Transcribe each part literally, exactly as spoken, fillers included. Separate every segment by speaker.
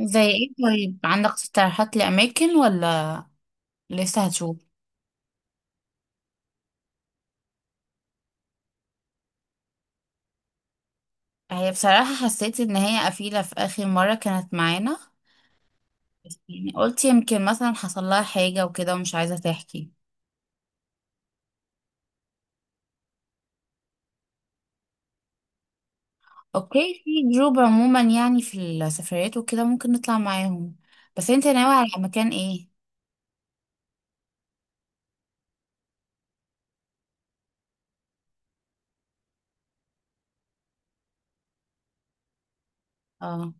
Speaker 1: زي ايه؟ طيب، عندك اقتراحات لأماكن ولا لسه هتشوف؟ هي بصراحة حسيت ان هي قفيلة في آخر مرة كانت معانا. بس يعني قلت يمكن مثلا حصل لها حاجة وكده ومش عايزة تحكي. اوكي، في جروب عموما يعني في السفريات وكده، ممكن نطلع معاهم. بس انت ناوي على مكان ايه؟ اه،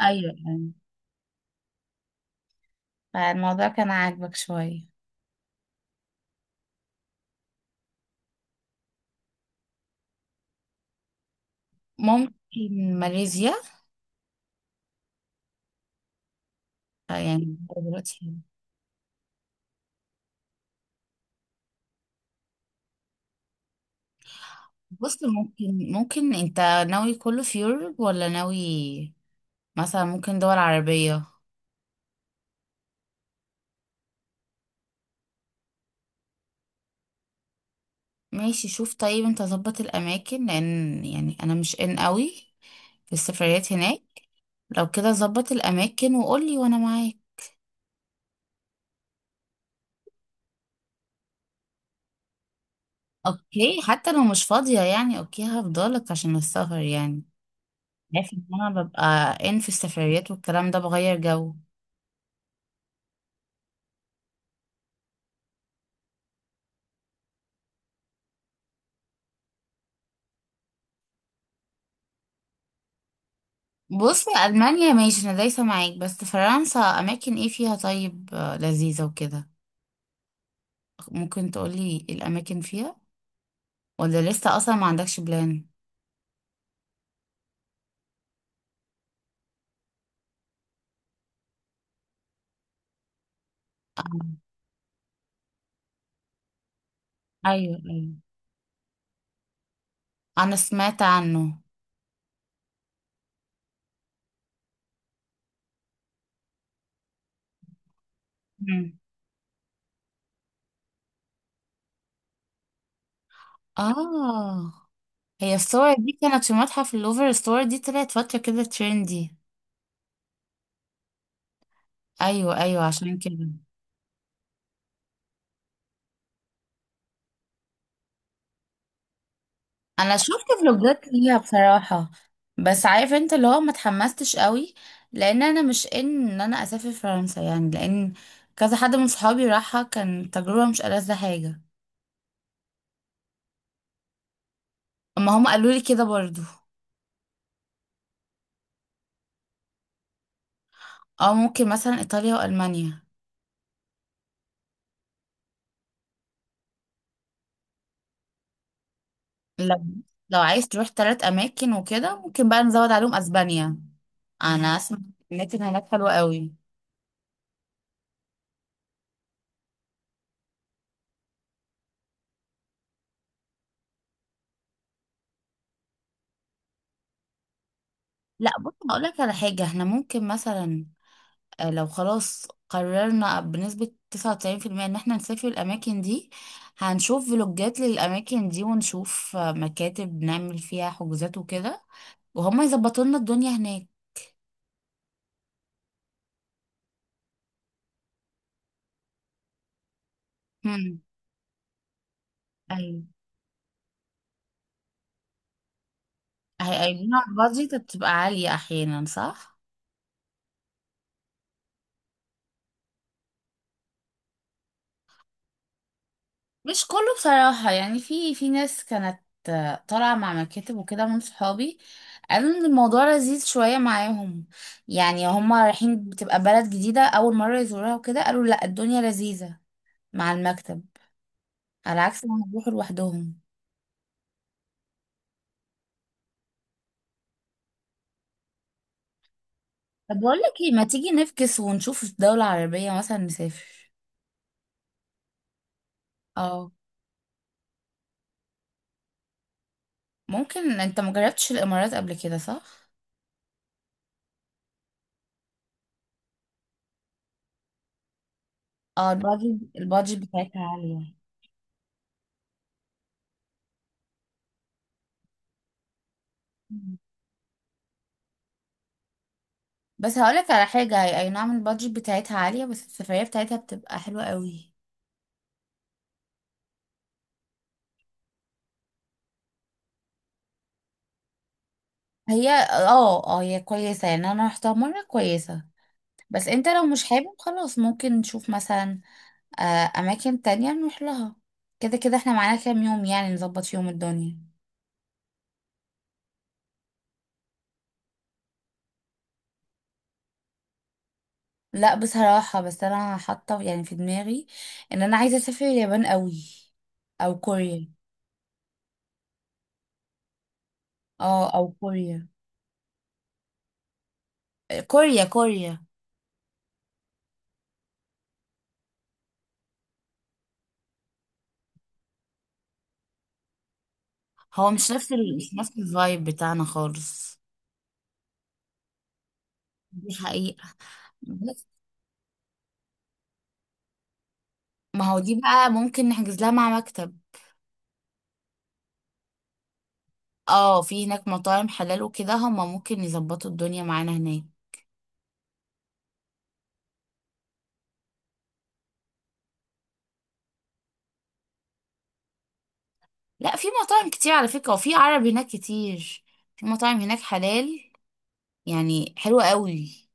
Speaker 1: ايوه يعني. فالموضوع كان عاجبك شوية. ممكن ماليزيا. آه، يعني دلوقتي. بص، ممكن ممكن انت ناوي كله في يوروب ولا ناوي مثلا ممكن دول عربية؟ ماشي، شوف طيب، انت ظبط الأماكن لأن يعني أنا مش إن قوي في السفريات هناك. لو كده ظبط الأماكن وقولي، وأنا معاك. أوكي، حتى لو مش فاضية يعني أوكي هفضلك عشان السفر يعني. عارفة إن أنا ببقى إن في السفريات والكلام ده بغير جو. بص، ألمانيا ماشي، أنا دايسة معاك. بس فرنسا أماكن إيه فيها طيب آه، لذيذة وكده؟ ممكن تقولي الأماكن فيها، ولا لسه أصلا ما عندكش بلان؟ أيوه، أيوه، انا سمعت عنه. مم. اه. هي الصور دي كانت في متحف اللوفر، الصور دي طلعت فترة كده ترندي. ايوه، ايوه، عشان كده. انا شفت فلوجات ليها بصراحة. بس عارف انت اللي هو ما اتحمستش قوي، لان انا مش ان ان انا اسافر فرنسا يعني، لان كذا حد من صحابي راحها، كان تجربة مش ألذ حاجة. اما هم قالوا لي كده برضو. اه، ممكن مثلا ايطاليا والمانيا. لو لو عايز تروح ثلاث اماكن وكده، ممكن بقى نزود عليهم اسبانيا. انا مم. اسمع الاماكن هناك حلوه قوي. لا، بص هقول لك على حاجه، احنا ممكن مثلا آه، لو خلاص قررنا بنسبه تسعة وتسعين في المية ان احنا نسافر الاماكن دي، هنشوف فلوجات للاماكن دي ونشوف آه، مكاتب نعمل فيها حجوزات وكده، وهم يظبطوا لنا الدنيا هناك. هم. ايوه. هيقولوا لنا البادجت بتبقى عاليه احيانا، صح؟ مش كله بصراحة يعني، في في ناس كانت آه، طالعة مع مكاتب وكده من صحابي، قالوا ان الموضوع لذيذ شوية معاهم. يعني هما رايحين بتبقى بلد جديدة أول مرة يزوروها وكده، قالوا لا، الدنيا لذيذة مع المكتب، على عكس ما يروحوا لوحدهم. طب بقول لك ايه، ما تيجي نفكس ونشوف في دولة عربية مثلا نسافر. اه، ممكن. انت مجربتش الإمارات قبل كده صح؟ اه، البادجت البادجت بتاعتها عالية. بس هقولك على حاجة، هي أي نعم البادجت بتاعتها عالية، بس السفرية بتاعتها بتبقى حلوة قوي. هي اه اه هي كويسة يعني، أنا رحتها مرة كويسة. بس انت لو مش حابب خلاص، ممكن نشوف مثلا آه، أماكن تانية نروح لها. كده كده احنا معانا كام يوم يعني نظبط فيهم الدنيا. لا بصراحة، بس أنا حاطة يعني في دماغي إن أنا عايزة أسافر اليابان قوي، أو كوريا. اه، أو كوريا. كوريا، كوريا. هو مش نفس ال... مش نفس الفايب بتاعنا خالص. دي حقيقة. بس ما هو دي بقى ممكن نحجز لها مع مكتب. اه، في هناك مطاعم حلال وكده هما ممكن يظبطوا الدنيا معانا هناك. لا، في مطاعم كتير على فكرة، وفي عرب هناك كتير. في مطاعم هناك حلال يعني، حلوة قوي.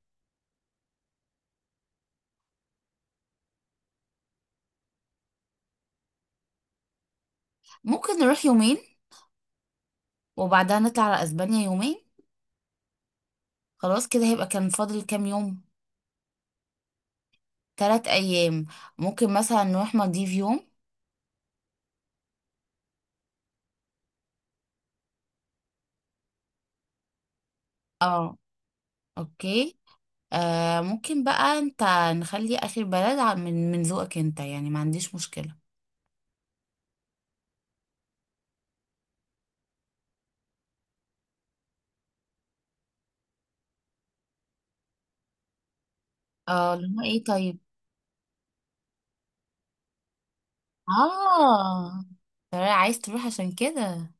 Speaker 1: ممكن نروح يومين، وبعدها نطلع على اسبانيا يومين. خلاص كده هيبقى كان فاضل كام يوم؟ تلات ايام. ممكن مثلا نروح مالديف يوم. اه، اوكي. آه ممكن بقى انت، نخلي اخر بلد عن- من من ذوقك انت يعني ما عنديش مشكلة. اه، اللي هو ايه طيب؟ اه، ترى عايز تروح عشان كده.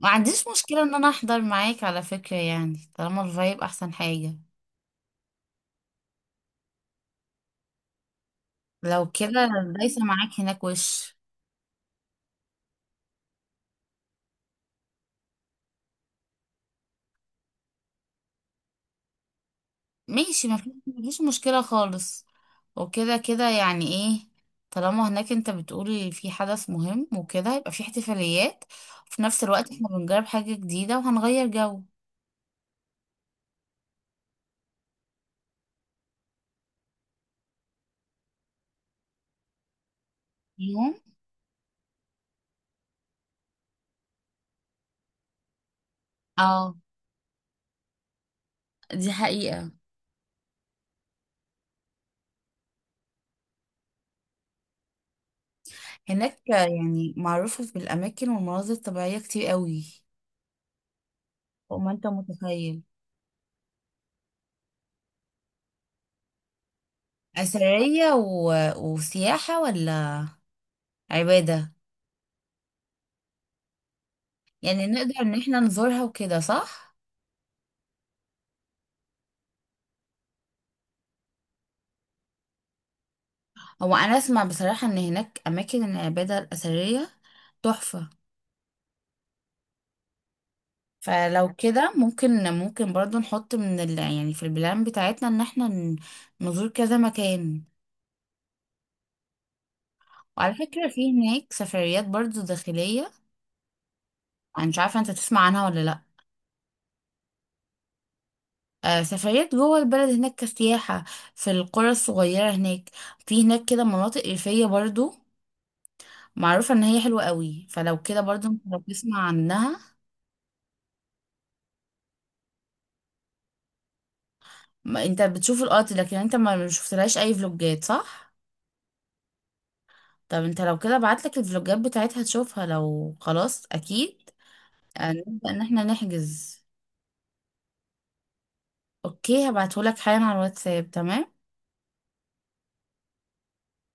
Speaker 1: ما عنديش مشكلة ان انا احضر معاك على فكرة يعني، طالما الفايب احسن حاجة. لو كده دايسة معاك هناك وش. ماشي، ما في- ما فيش مشكلة خالص. وكده كده يعني ايه، طالما هناك انت بتقول في حدث مهم وكده هيبقى في احتفاليات، وفي نفس الوقت احنا بنجرب حاجة جديدة وهنغير جو. يوم. اه، دي حقيقة. هناك يعني معروفة بالأماكن والمناظر الطبيعية كتير قوي. فوق ما انت متخيل. أثرية و... وسياحة، ولا عبادة؟ يعني نقدر إن احنا نزورها وكده صح؟ هو أنا أسمع بصراحة إن هناك أماكن العبادة الأثرية تحفة. فلو كده ممكن ممكن برضو نحط من ال... يعني في البلان بتاعتنا إن احنا ن- نزور كذا مكان. وعلى فكرة في هناك سفريات برضو داخلية. أنا مش عارفة أنت تسمع عنها ولا لأ. آه، سفريات جوه البلد هناك كسياحة، في القرى الصغيرة هناك. في هناك كده مناطق ريفية برضو معروفة ان هي حلوة قوي، فلو كده برضو انت لو تسمع عنها. ما انت بتشوف القط، لكن انت ما شفتلهاش اي فلوجات صح؟ طب انت لو كده بعتلك الفلوجات بتاعتها تشوفها، لو خلاص اكيد آه، نبدأ ان احنا نحجز. اوكي، هبعتهولك حالا على الواتساب، تمام.